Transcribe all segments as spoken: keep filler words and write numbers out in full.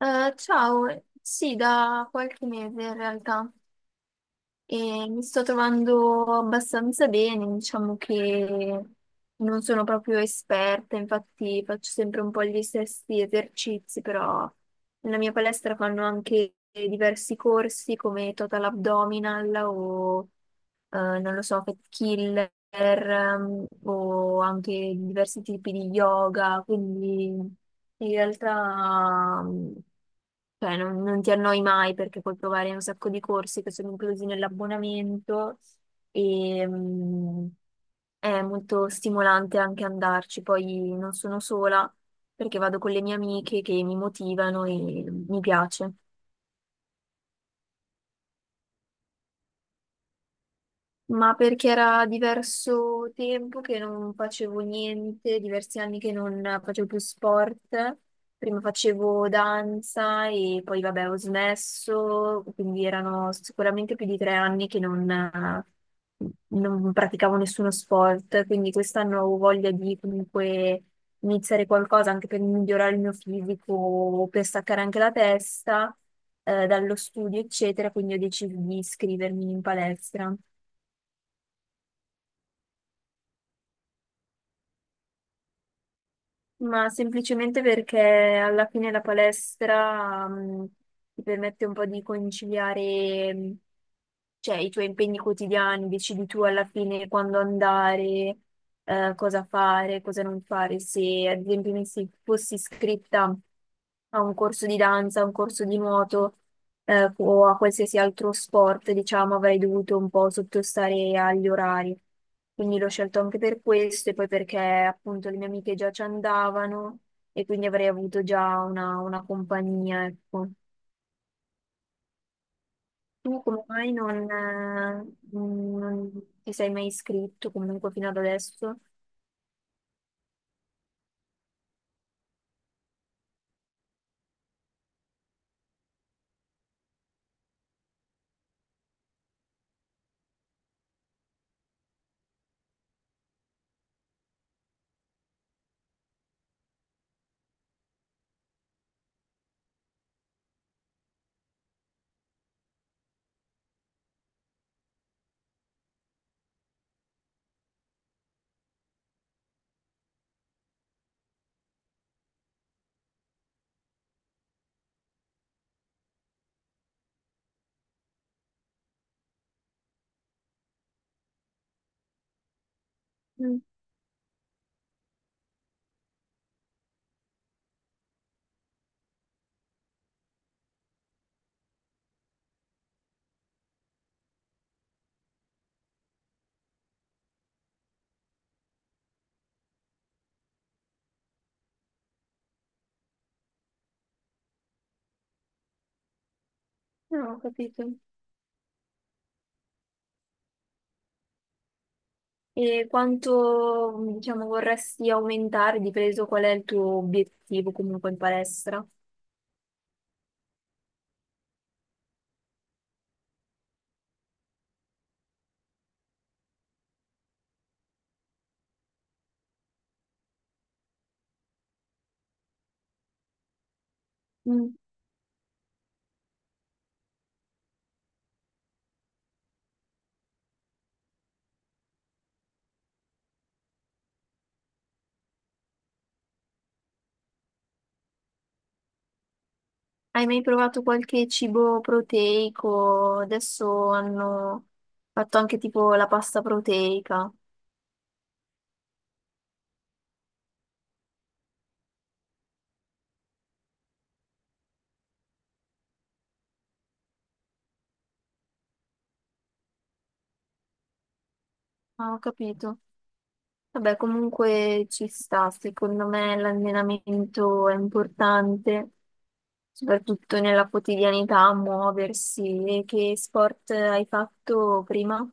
Eh, ciao, sì, da qualche mese in realtà, e mi sto trovando abbastanza bene. Diciamo che non sono proprio esperta, infatti faccio sempre un po' gli stessi esercizi, però nella mia palestra fanno anche diversi corsi come total abdominal o eh, non lo so, fat killer ehm, o anche diversi tipi di yoga, quindi in realtà... Cioè, non, non ti annoi mai perché puoi provare un sacco di corsi che sono inclusi nell'abbonamento, e mm, è molto stimolante anche andarci. Poi non sono sola perché vado con le mie amiche che mi motivano, e mi piace. Ma perché era diverso tempo che non facevo niente, diversi anni che non facevo più sport. Prima facevo danza e poi vabbè ho smesso, quindi erano sicuramente più di tre anni che non, non praticavo nessuno sport, quindi quest'anno ho voglia di comunque iniziare qualcosa anche per migliorare il mio fisico, per staccare anche la testa eh, dallo studio, eccetera, quindi ho deciso di iscrivermi in palestra. Ma semplicemente perché alla fine la palestra, mh, ti permette un po' di conciliare, mh, cioè, i tuoi impegni quotidiani, decidi tu alla fine quando andare, eh, cosa fare, cosa non fare. Se ad esempio mi si- fossi iscritta a un corso di danza, a un corso di nuoto, eh, o a qualsiasi altro sport, diciamo, avrei dovuto un po' sottostare agli orari. Quindi l'ho scelto anche per questo, e poi perché appunto le mie amiche già ci andavano, e quindi avrei avuto già una, una compagnia, ecco. Tu come mai non, eh, non ti sei mai iscritto comunque fino ad adesso? Mm, no, ho capito. E quanto, diciamo, vorresti aumentare, di peso? Qual è il tuo obiettivo comunque in palestra? Mm. Hai mai provato qualche cibo proteico? Adesso hanno fatto anche tipo la pasta proteica. Ah, ho capito. Vabbè, comunque ci sta, secondo me l'allenamento è importante, soprattutto nella quotidianità, muoversi. E che sport hai fatto prima?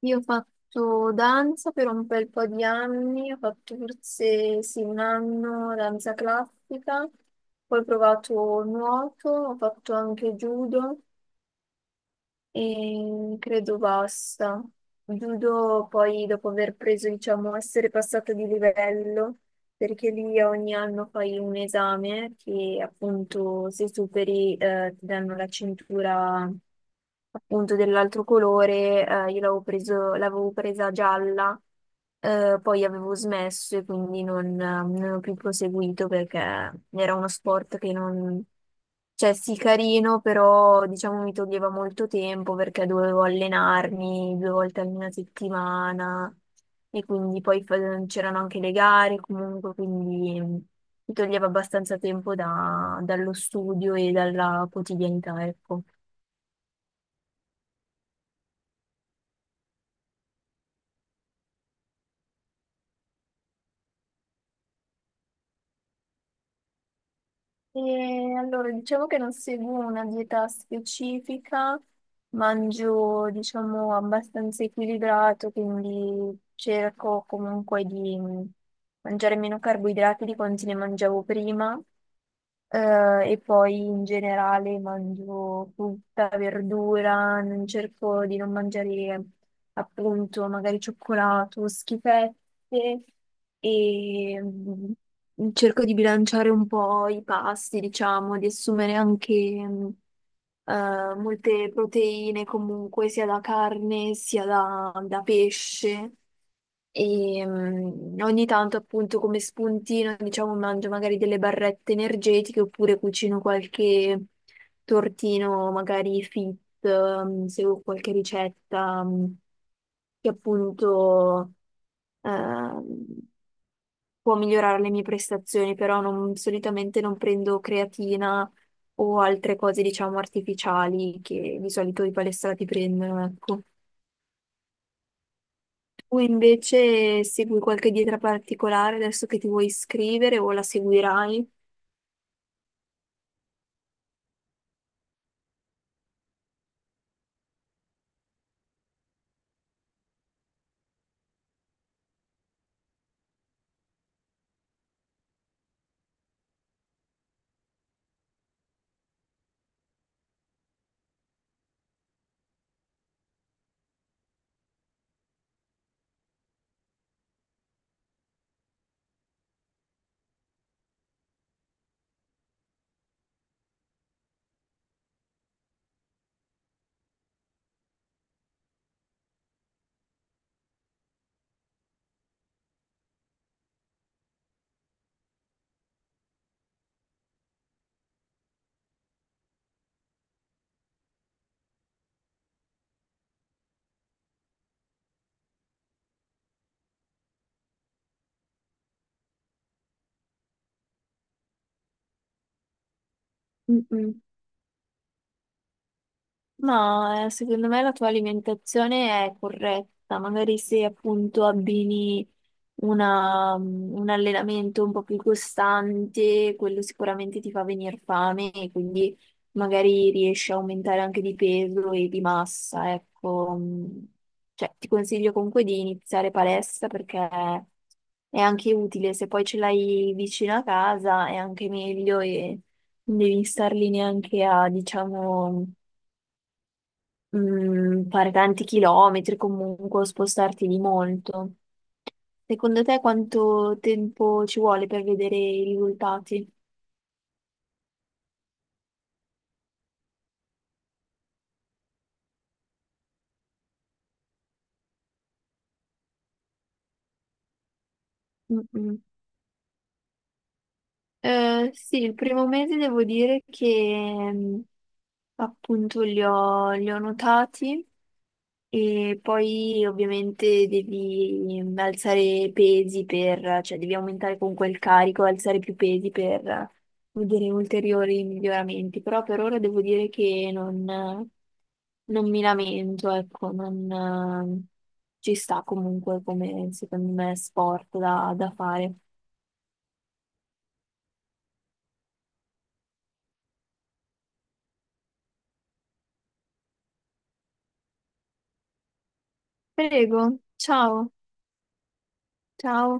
Io ho fatto danza per un bel po' di anni, ho fatto forse sì, un anno danza classica, poi ho provato nuoto, ho fatto anche judo. E credo basta. Judo poi dopo aver preso, diciamo, essere passato di livello, perché lì ogni anno fai un esame che appunto se superi eh, ti danno la cintura appunto dell'altro colore. Eh, io l'avevo preso- l'avevo presa gialla, eh, poi avevo smesso e quindi non, non ho più proseguito, perché era uno sport che non, cioè sì, carino, però diciamo mi toglieva molto tempo perché dovevo allenarmi due volte alla settimana, e quindi poi fa- c'erano anche le gare comunque, quindi mm, mi toglieva abbastanza tempo da- dallo studio e dalla quotidianità, ecco. E allora, diciamo che non seguo una dieta specifica, mangio, diciamo, abbastanza equilibrato, quindi cerco comunque di mm, mangiare meno carboidrati di quanti ne mangiavo prima. Eh, e poi in generale mangio frutta, verdura, non cerco di non mangiare appunto magari cioccolato, schifette, e mm, cerco di bilanciare un po' i pasti, diciamo, di assumere anche mm, eh, molte proteine comunque, sia da carne sia da, da pesce. E mm, ogni tanto, appunto, come spuntino, diciamo, mangio magari delle barrette energetiche oppure cucino qualche tortino, magari fit, mm, seguo qualche ricetta, mm, che appunto Ehm, può migliorare le mie prestazioni, però non- solitamente non prendo creatina o altre cose, diciamo, artificiali che di solito i palestrati prendono, ecco. Tu invece segui qualche dieta particolare adesso che ti vuoi iscrivere, o la seguirai? Mm-mm. No, eh, secondo me la tua alimentazione è corretta, magari se appunto abbini una- mm, un allenamento un po' più costante, quello sicuramente ti fa venire fame e quindi magari riesci a aumentare anche di peso e di massa, ecco. mm. Cioè, ti consiglio comunque di iniziare palestra perché è anche utile, se poi ce l'hai vicino a casa è anche meglio e non devi star lì neanche a, diciamo, mm, fare tanti chilometri comunque o spostarti di molto. Secondo te quanto tempo ci vuole per vedere i risultati? Mm, mm. Eh, sì, il primo mese devo dire che mm, appunto li ho, li ho notati. E poi ovviamente devi mhmm, alzare pesi per, cioè devi aumentare comunque il carico, alzare più pesi per vedere ulteriori miglioramenti. Però per ora devo dire che non, non mi lamento, ecco, non ci sta comunque come secondo me sport da da fare. Prego, ciao, ciao.